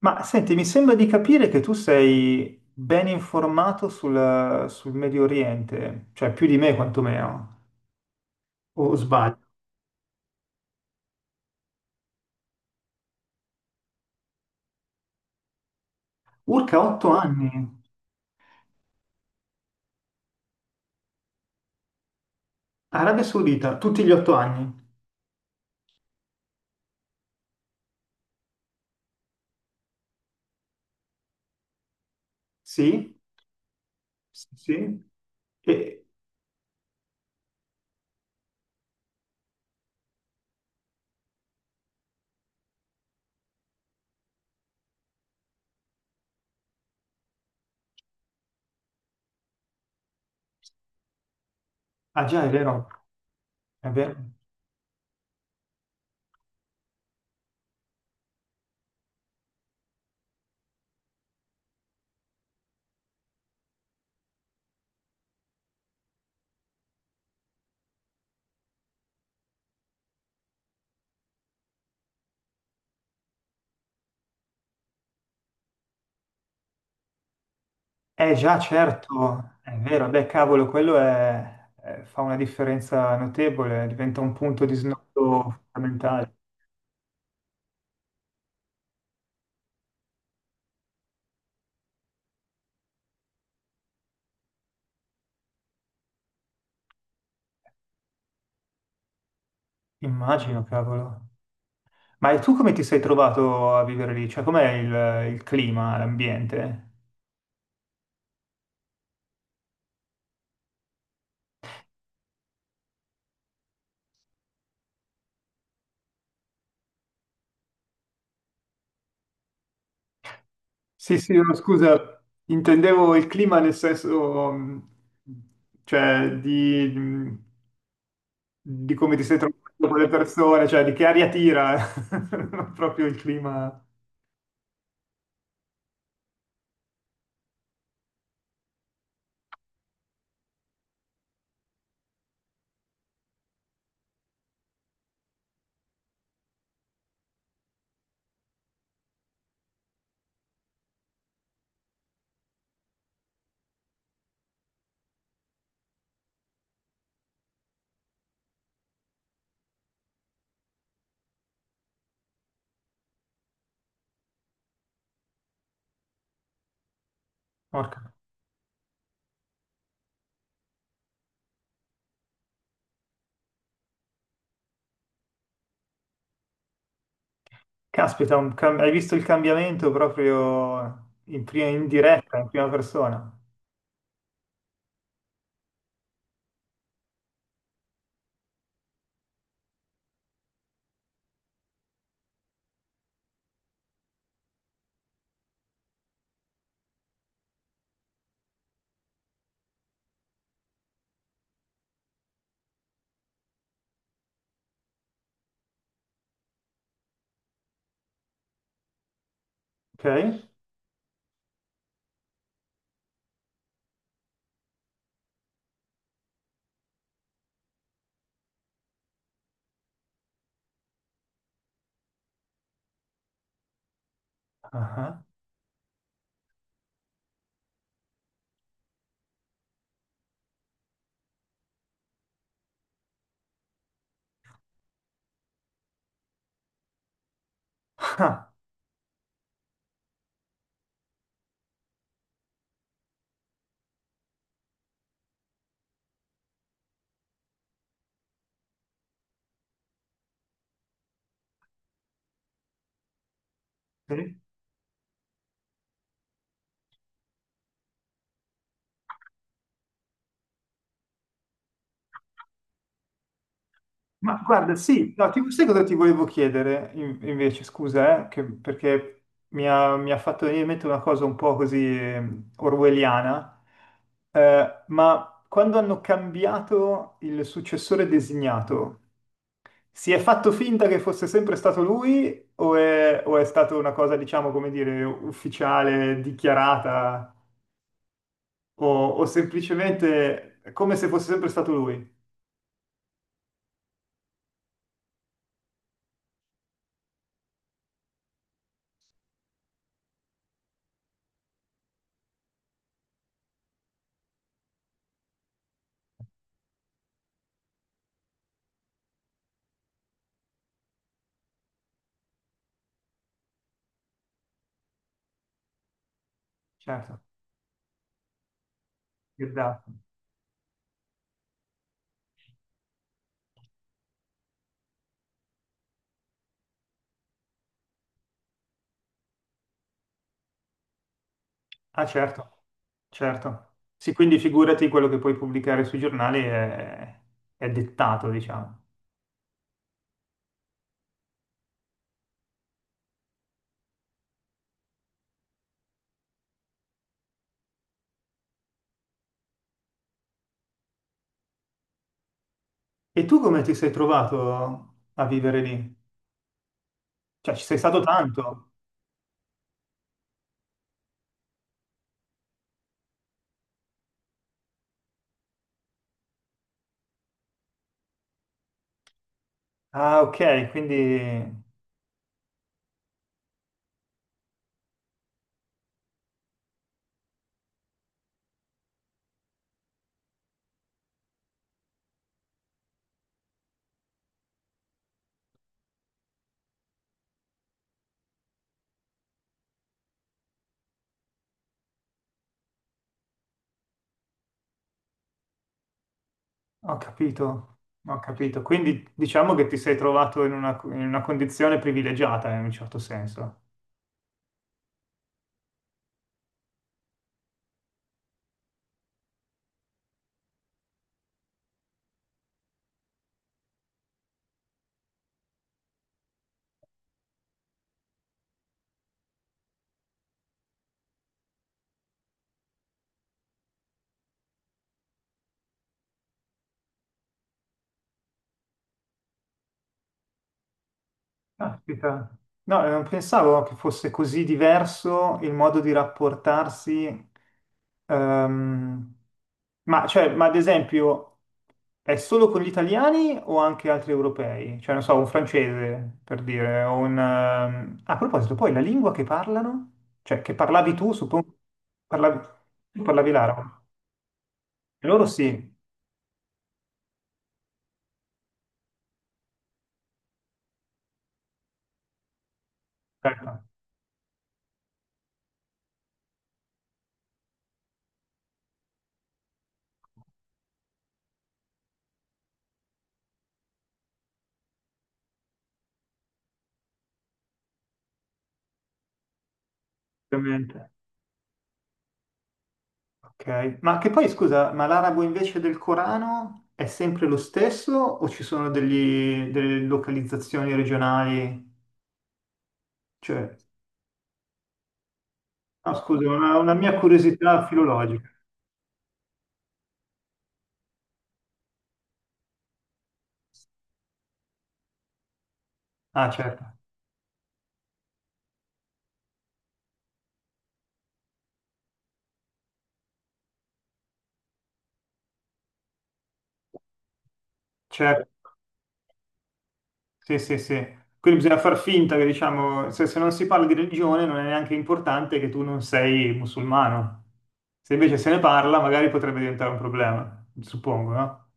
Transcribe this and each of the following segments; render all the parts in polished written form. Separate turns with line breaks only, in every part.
Ma senti, mi sembra di capire che tu sei ben informato sul Medio Oriente, cioè più di me quantomeno, o sbaglio. Urca, 8 anni, Arabia Saudita, tutti gli 8 anni. Sì, sì, sì. E, ah già, è vero, è vero. Eh già, certo, è vero, beh cavolo, quello fa una differenza notevole, diventa un punto di snodo fondamentale. Immagino, cavolo. Ma tu come ti sei trovato a vivere lì? Cioè, com'è il clima, l'ambiente? Sì, sì, no, scusa, intendevo il clima nel senso, cioè, di come ti sei trovato con le persone, cioè, di che aria tira, non proprio il clima. Porca. Caspita, hai visto il cambiamento proprio in diretta, in prima persona, ok? Ah, ah. Ma guarda, sì, no, sai cosa ti volevo chiedere invece, scusa, perché mi ha fatto venire in mente una cosa un po' così orwelliana, ma quando hanno cambiato il successore designato, si è fatto finta che fosse sempre stato lui o è stata una cosa, diciamo, come dire, ufficiale, dichiarata o, o semplicemente come se fosse sempre stato lui? Certo, esatto. Ah, certo. Certo. Sì, quindi figurati quello che puoi pubblicare sui giornali è dettato, diciamo. E tu come ti sei trovato a vivere lì? Cioè, ci sei stato tanto? Ah, ok, quindi ho capito, ho capito. Quindi diciamo che ti sei trovato in una condizione privilegiata in un certo senso. Caspita. No, non pensavo che fosse così diverso il modo di rapportarsi. ehm, cioè, ma ad esempio, è solo con gli italiani o anche altri europei? Cioè, non so, un francese, per dire, a proposito, poi la lingua che parlano? Cioè, che parlavi tu, suppongo... Parlavi... Tu parlavi l'arabo. E Loro sì, certo, ovviamente. Ok, ma che poi scusa, ma l'arabo invece del Corano è sempre lo stesso o ci sono delle localizzazioni regionali? Cioè, no, scusa, una mia curiosità filologica. Ah, certo, certo, sì, sì, sì. Quindi bisogna far finta che, diciamo, se non si parla di religione non è neanche importante che tu non sei musulmano. Se invece se ne parla, magari potrebbe diventare un problema, suppongo, no?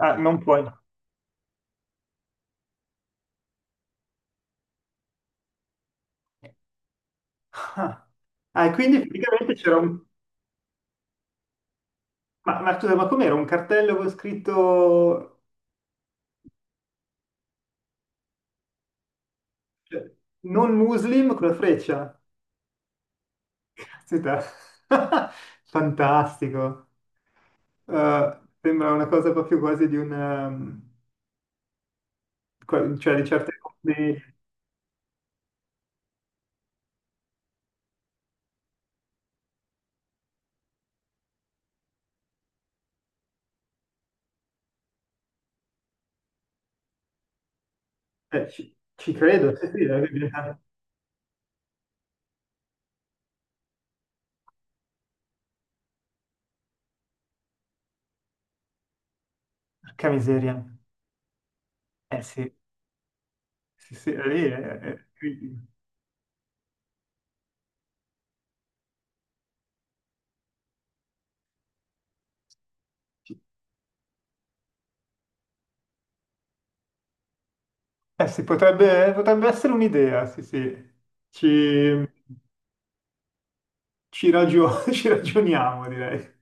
Ah, non puoi. Ah, e quindi praticamente c'era un... ma scusa, ma com'era un cartello con scritto cioè, non muslim con la freccia? Caspita. Fantastico. Sembra una cosa proprio quasi di una... cioè di certe commedie. Ci credo, sì, sì, la Bibbia. Porca miseria. Eh sì, sì, sì, è lì. Eh, sì, potrebbe essere un'idea, sì, sì. Ci, Ci ragioniamo, direi.